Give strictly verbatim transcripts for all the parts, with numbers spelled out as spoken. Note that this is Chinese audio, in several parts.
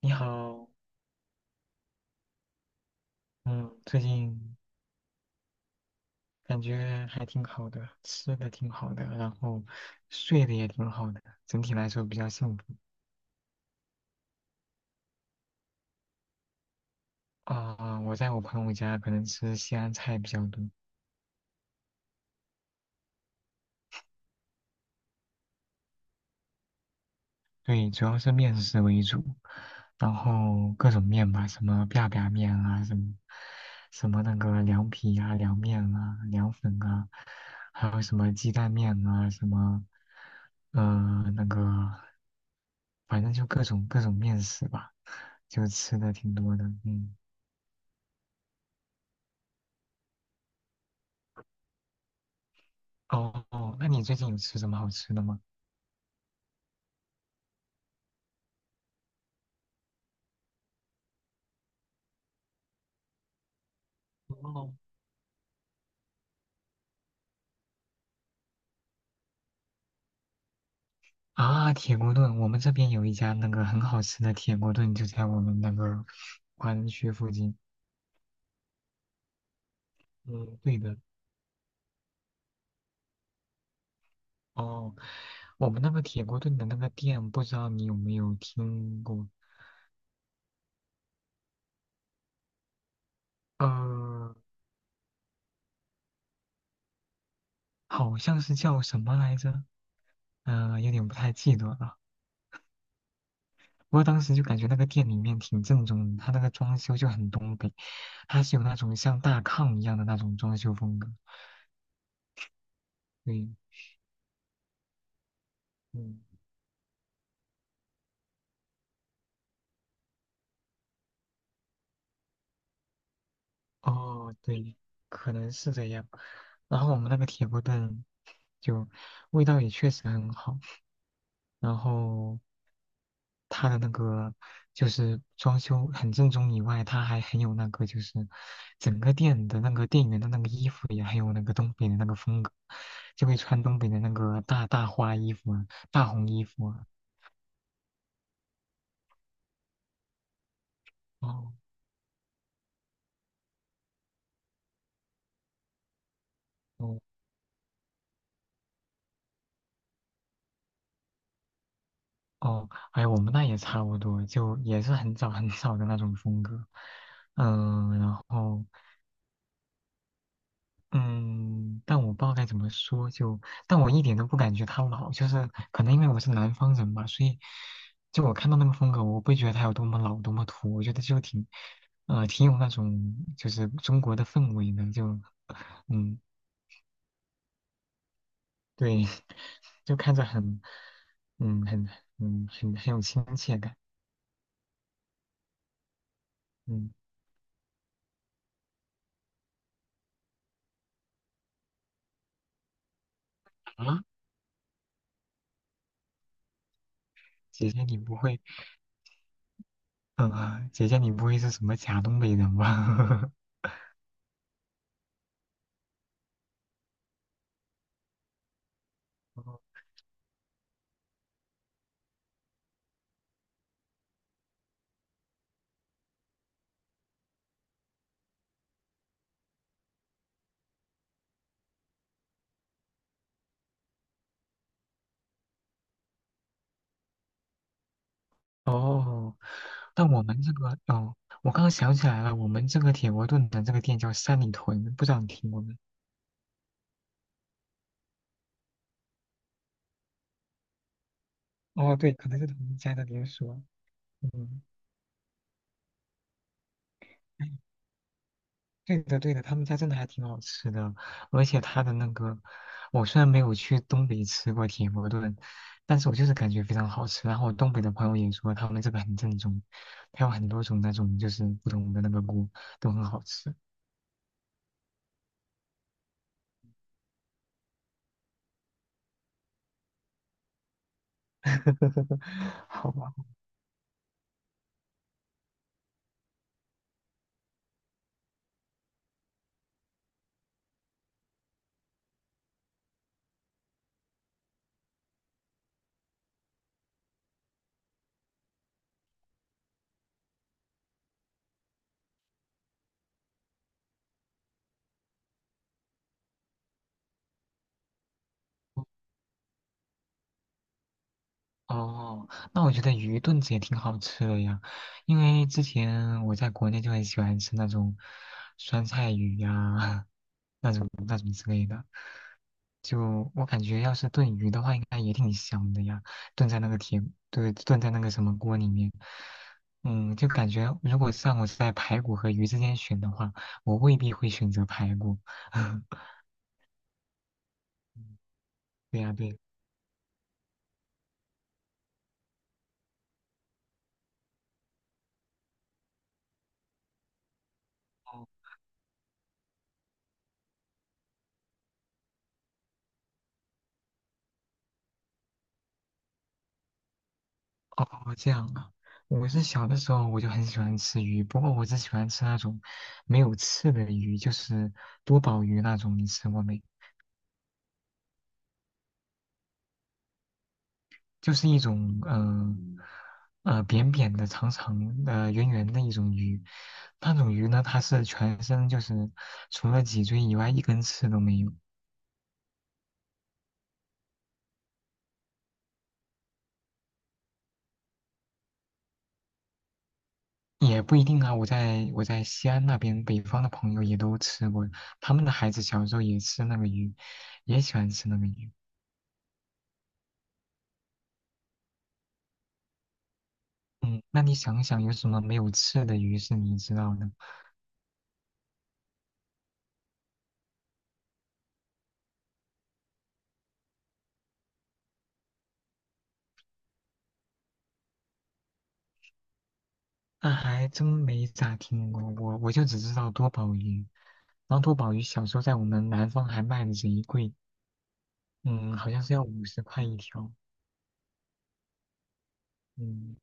你好。嗯，最近感觉还挺好的，吃的挺好的，然后睡的也挺好的，整体来说比较幸福。啊、我在我朋友家可能吃西安菜比较多，对，主要是面食为主，然后各种面吧，什么 biang biang 面啊，什么什么那个凉皮啊、凉面啊、凉粉啊，还有什么鸡蛋面啊，什么呃那个。反正就各种各种面食吧，就吃的挺多的。嗯，哦哦，那你最近有吃什么好吃的吗？哦，啊，铁锅炖，我们这边有一家那个很好吃的铁锅炖，就在我们那个华人区附近。嗯，对的，哦，我们那个铁锅炖的那个店，不知道你有没有听过？呃，好像是叫什么来着？呃，有点不太记得了。不过当时就感觉那个店里面挺正宗的，它那个装修就很东北，它是有那种像大炕一样的那种装修风格。对，嗯，哦，对，可能是这样。然后我们那个铁锅炖就味道也确实很好，然后它的那个就是装修很正宗以外，它还很有那个就是整个店的那个店员的那个衣服也很有那个东北的那个风格，就会穿东北的那个大大花衣服啊，大红衣服啊。哦哦哦，哎，我们那也差不多，就也是很早很早的那种风格，嗯，然后嗯，但我不知道该怎么说，就但我一点都不感觉它老，就是可能因为我是南方人吧，所以就我看到那个风格，我不会觉得它有多么老多么土，我觉得就挺呃挺有那种就是中国的氛围的，就嗯对，就看着很嗯很嗯很很有亲切感，嗯。啊，姐姐你不会，嗯、啊姐姐你不会是什么假东北人吧？哦，但我们这个，哦，我刚刚想起来了，我们这个铁锅炖的这个店叫三里屯，不知道你听过没？哦，对，可能是同一家的连锁。嗯，哎，对的，对的，他们家真的还挺好吃的，而且他的那个，我虽然没有去东北吃过铁锅炖，但是我就是感觉非常好吃。然后我东北的朋友也说他们这个很正宗，它有很多种那种就是不同的那个锅都很好吃。好吧。哦，那我觉得鱼炖子也挺好吃的呀，因为之前我在国内就很喜欢吃那种酸菜鱼呀、那种那种之类的。就我感觉，要是炖鱼的话，应该也挺香的呀，炖在那个铁，对，炖在那个什么锅里面。嗯，就感觉如果是让我在排骨和鱼之间选的话，我未必会选择排骨。对呀，对。哦，这样啊。我是小的时候我就很喜欢吃鱼，不过我只喜欢吃那种没有刺的鱼，就是多宝鱼那种，你吃过没？就是一种呃呃扁扁的、长长的、圆圆的一种鱼。那种鱼呢，它是全身就是除了脊椎以外一根刺都没有，也不一定啊。我在我在西安那边北方的朋友也都吃过，他们的孩子小时候也吃那个鱼，也喜欢吃那个鱼。嗯，那你想想有什么没有刺的鱼是你知道的？那还真没咋听过，我我就只知道多宝鱼。然后多宝鱼小时候在我们南方还卖的贼贵，嗯，好像是要五十块一条，嗯，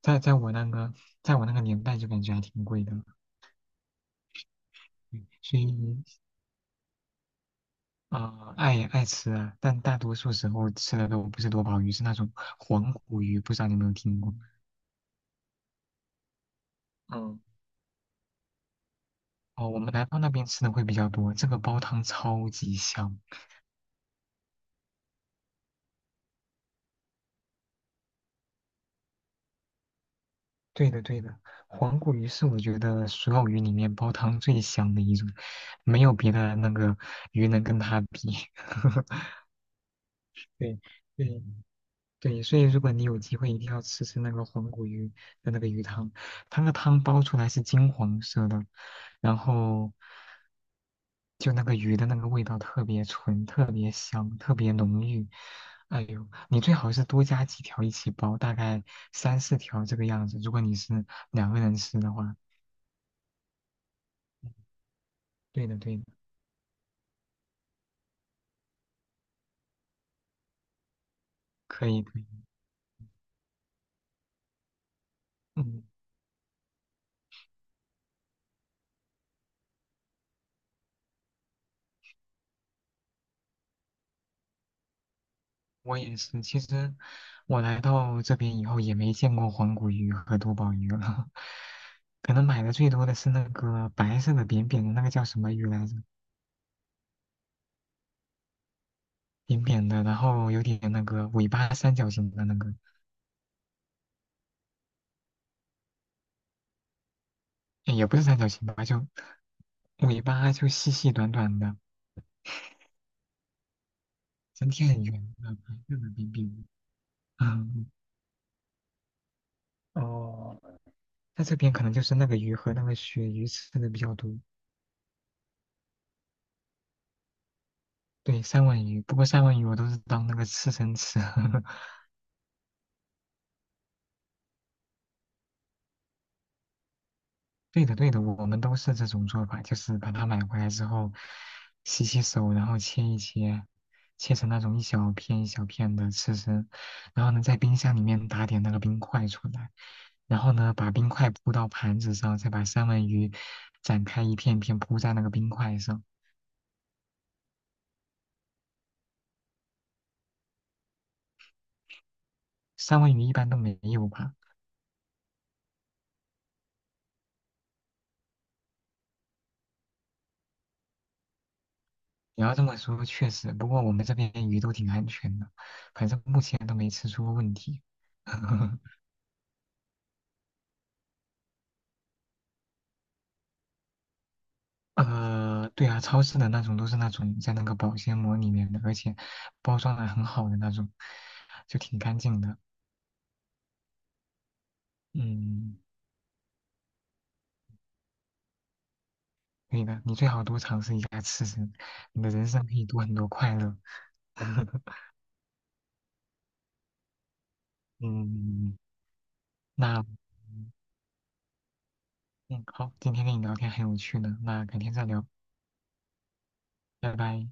在在我那个在我那个年代就感觉还挺贵的，嗯所以啊、呃爱爱吃啊，但大多数时候吃的都不是多宝鱼，是那种黄骨鱼，不知道你有没有听过？嗯，哦，我们南方那边吃的会比较多，这个煲汤超级香。对的，对的，黄骨鱼是我觉得所有鱼里面煲汤最香的一种，没有别的那个鱼能跟它比。对对，对，所以如果你有机会，一定要吃吃那个黄骨鱼的那个鱼汤，它那个汤煲出来是金黄色的，然后就那个鱼的那个味道特别纯，特别香，特别浓郁。哎呦，你最好是多加几条一起煲，大概三四条这个样子。如果你是两个人吃的话，对的对的，可以可以，嗯。我也是，其实我来到这边以后也没见过黄骨鱼和多宝鱼了，可能买的最多的是那个白色的扁扁的那个叫什么鱼来着？扁扁的，然后有点那个尾巴三角形的那个，诶也不是三角形吧，就尾巴就细细短短的，整体很圆的，白色的扁扁的。嗯，哦，在这边可能就是那个鱼和那个鳕鱼吃的比较多，对，三文鱼。不过三文鱼我都是当那个刺身吃。对的，对的，我们都是这种做法，就是把它买回来之后，洗洗手，然后切一切，切成那种一小片一小片的吃吃，然后呢，在冰箱里面打点那个冰块出来，然后呢，把冰块铺到盘子上，再把三文鱼展开一片片铺在那个冰块上。三文鱼一般都没有吧？你要这么说，确实，不过我们这边鱼都挺安全的，反正目前都没吃出过问题。呃，对啊，超市的那种都是那种在那个保鲜膜里面的，而且包装的很好的那种，就挺干净的。嗯，可以的，你最好多尝试一下吃吃，你的人生可以多很多快乐。嗯，那嗯，好，今天跟你聊天很有趣呢，那改天再聊，拜拜。